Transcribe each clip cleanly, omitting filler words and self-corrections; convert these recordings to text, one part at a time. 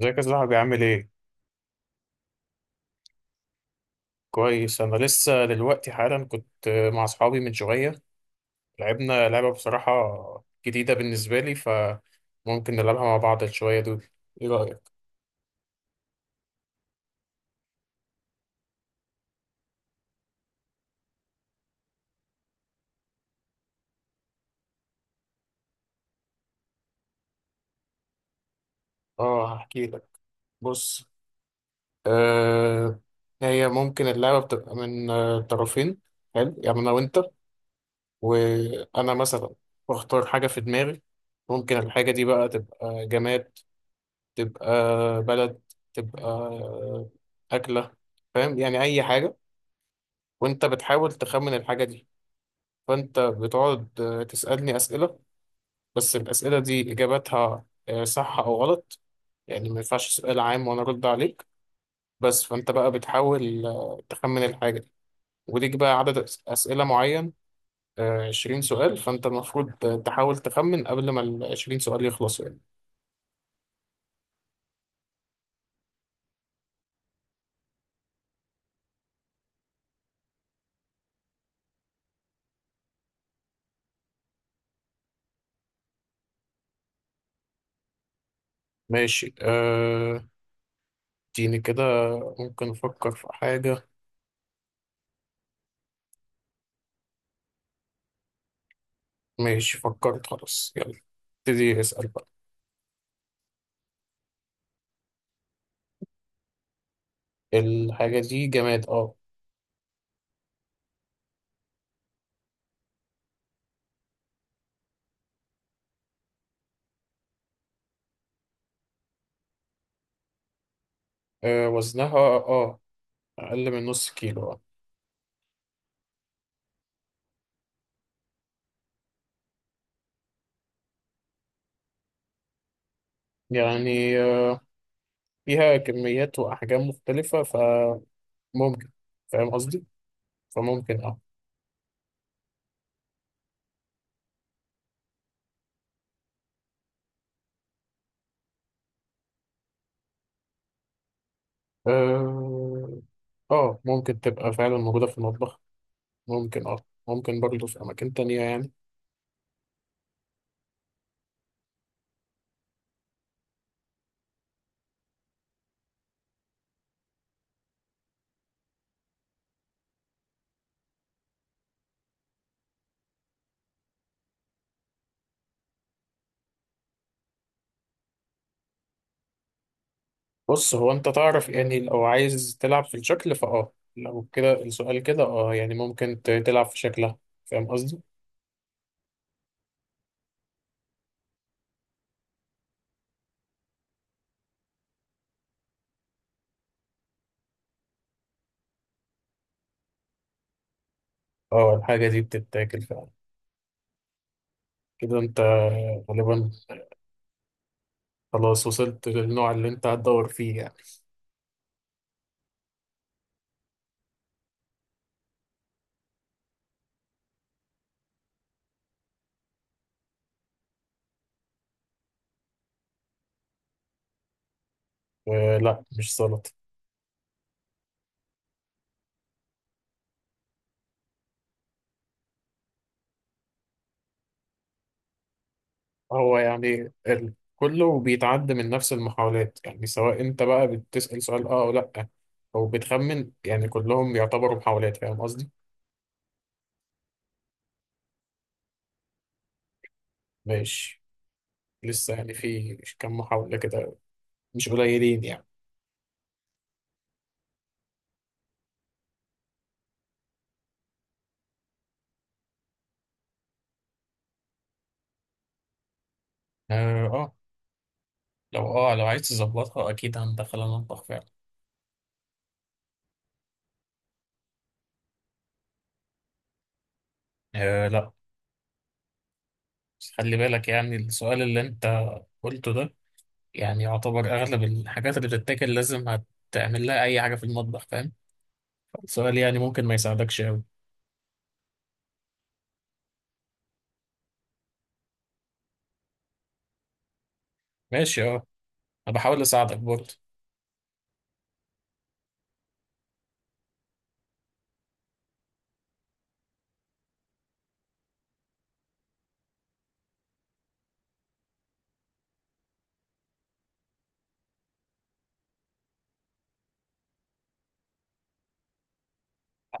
ازيك يا صاحبي، عامل ايه؟ كويس، انا لسه دلوقتي حالا كنت مع اصحابي من شوية. لعبنا لعبة بصراحة جديدة بالنسبة لي، فممكن نلعبها مع بعض شوية دول. ايه رأيك؟ اه، هحكي لك. بص. آه هي ممكن اللعبة بتبقى من طرفين. حلو، يعني انا وانت، وانا مثلا بختار حاجة في دماغي. ممكن الحاجة دي بقى تبقى جماد، تبقى بلد، تبقى أكلة. فاهم؟ يعني أي حاجة، وانت بتحاول تخمن الحاجة دي. فانت بتقعد تسألني أسئلة، بس الأسئلة دي إجاباتها صح أو غلط. يعني ما ينفعش سؤال عام وأنا أرد عليك. بس فانت بقى بتحاول تخمن الحاجة دي، وليك بقى عدد أسئلة معين، 20 سؤال. فانت المفروض تحاول تخمن قبل ما ال20 سؤال يخلصوا يعني. ماشي اديني كده، ممكن أفكر في حاجة. ماشي، فكرت، خلاص يلا ابتدي اسأل بقى. الحاجة دي جماد، اه. وزنها، أقل من نص كيلو. يعني فيها كميات وأحجام مختلفة، فممكن. فاهم قصدي؟ فممكن اه اه آه، ممكن تبقى فعلا موجودة في المطبخ. ممكن برضه في أماكن تانية يعني. بص، هو أنت تعرف، يعني لو عايز تلعب في الشكل لو كده السؤال كده، اه، يعني ممكن تلعب في شكلها. فاهم قصدي؟ اه، الحاجة دي بتتاكل فعلا. كده أنت غالبا خلاص وصلت للنوع اللي أنت هتدور فيه يعني. لا، مش سلطة. هو يعني كله بيتعدى من نفس المحاولات، يعني سواء انت بقى بتسأل سؤال، اه، او لا، او بتخمن، يعني كلهم يعتبروا محاولات. فاهم قصدي؟ ماشي. لسه يعني في كم محاولة كده، مش قليلين يعني. اه. لو عايز تظبطها اكيد هندخل المطبخ فعلا. لا، بس خلي بالك يعني، السؤال اللي انت قلته ده يعني يعتبر اغلب الحاجات اللي بتتاكل لازم هتعمل لها اي حاجة في المطبخ. فاهم؟ السؤال يعني ممكن ما يساعدكش قوي. ماشي، اه، انا بحاول اساعدك برضه.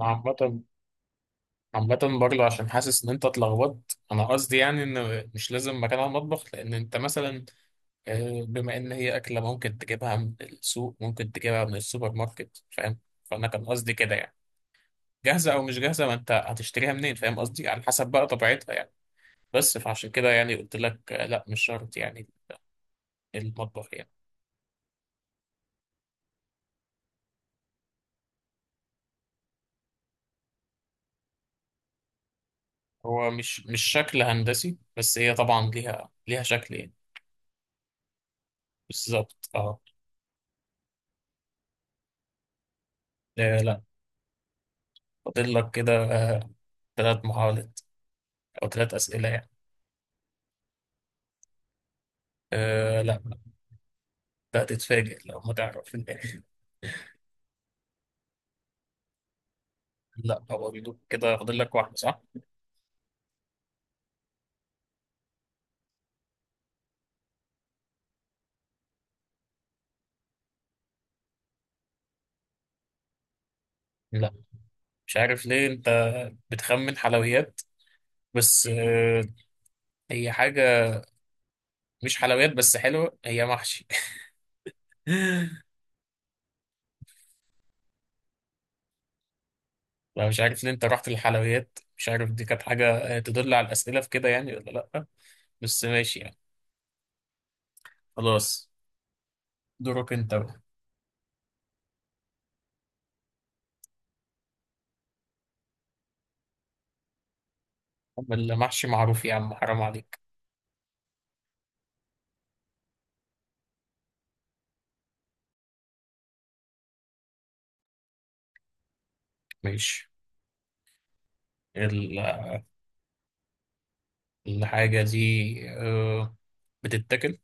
انا عامة عامة برضه عشان حاسس ان انت اتلخبطت. انا قصدي يعني ان مش لازم مكان على المطبخ، لان انت مثلا بما ان هي اكلة ممكن تجيبها من السوق، ممكن تجيبها من السوبر ماركت. فاهم؟ فانا كان قصدي كده يعني، جاهزة او مش جاهزة، ما انت هتشتريها منين؟ فاهم قصدي؟ على حسب بقى طبيعتها يعني. بس فعشان كده يعني قلت لك لا مش شرط يعني المطبخ يعني. هو مش شكل هندسي، بس هي طبعا ليها شكل يعني. بالظبط، اه. لا. فاضل لك كده 3 محاولات، أو 3 أسئلة يعني. أه لا، ده هتتفاجئ لو ما تعرف في الآخر. لا، هو بيدوك كده، فاضل لك واحدة صح؟ لا مش عارف ليه أنت بتخمن حلويات، بس هي حاجة مش حلويات، بس حلوة. هي محشي. لا مش عارف ليه أنت رحت للحلويات، مش عارف دي كانت حاجة تدل على الأسئلة في كده يعني ولا لأ. بس ماشي يعني. خلاص، دورك أنت بقى. المحشي معروف يا عم، حرام عليك. ماشي، ال- الحاجة دي بتتاكل؟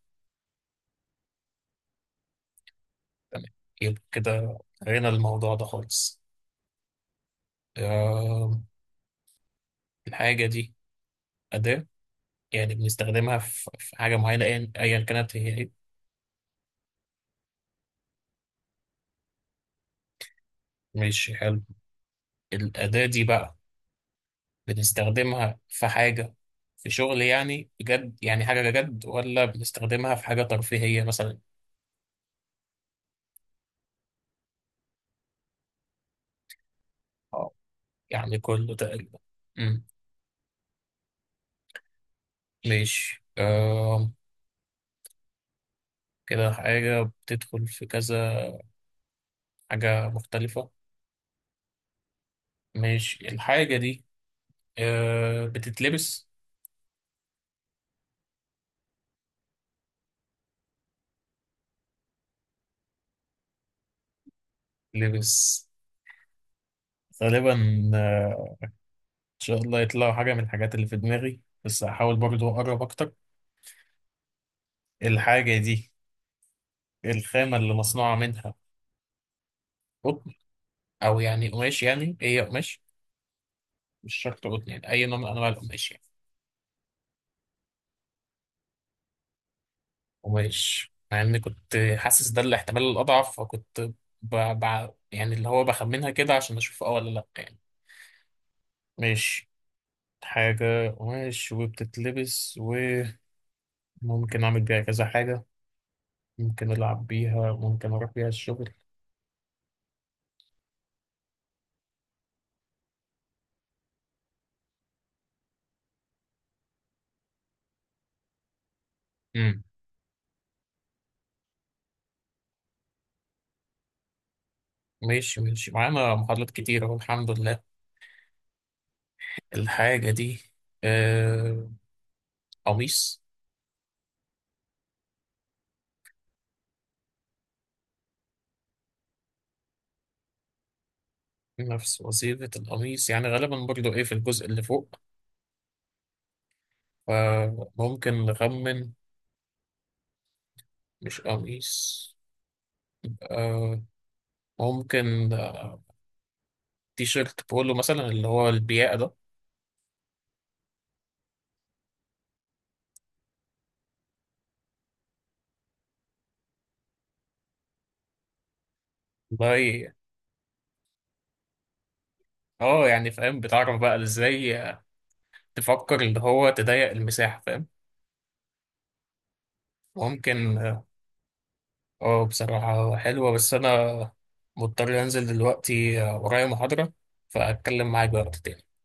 تمام، يبقى كده غنى الموضوع ده خالص. آه، الحاجة دي أداة، يعني بنستخدمها في حاجة معينة، أيا كانت هي إيه. ماشي حلو. الأداة دي بقى بنستخدمها في حاجة، في شغل يعني بجد، يعني حاجة جد، ولا بنستخدمها في حاجة ترفيهية مثلا؟ اه، يعني كله تقريبا. أمم، ماشي كده حاجة بتدخل في كذا حاجة مختلفة. ماشي، الحاجة دي بتتلبس؟ لبس غالبا. آه، إن شاء الله يطلعوا حاجة من الحاجات اللي في دماغي، بس هحاول برضو أقرب أكتر. الحاجة دي، الخامة اللي مصنوعة منها قطن، أو يعني قماش يعني هي قماش، مش شرط قطن يعني أي نوع من أنواع القماش يعني. قماش، مع إني كنت حاسس ده الاحتمال الأضعف، فكنت يعني اللي هو بخمنها كده عشان أشوف أه ولا لأ يعني. ماشي، حاجة قماش وبتتلبس، و ممكن أعمل بيها كذا حاجة. ممكن ألعب بيها، ممكن أروح بيها الشغل. مم. ماشي ماشي، معانا محاضرات كتير أهو، الحمد لله. الحاجة دي آه... قميص؟ نفس وظيفة القميص يعني غالبا برضو إيه في الجزء اللي فوق. فممكن نخمن مش قميص. آه... ممكن تي شيرت بولو مثلا، اللي هو البياقة ده. والله اه يعني فاهم، بتعرف بقى ازاي تفكر اللي هو تضيق المساحة. فاهم؟ ممكن، اه بصراحة حلوة، بس أنا مضطر أنزل دلوقتي، ورايا محاضرة، فأتكلم معاك بقى وقت تاني.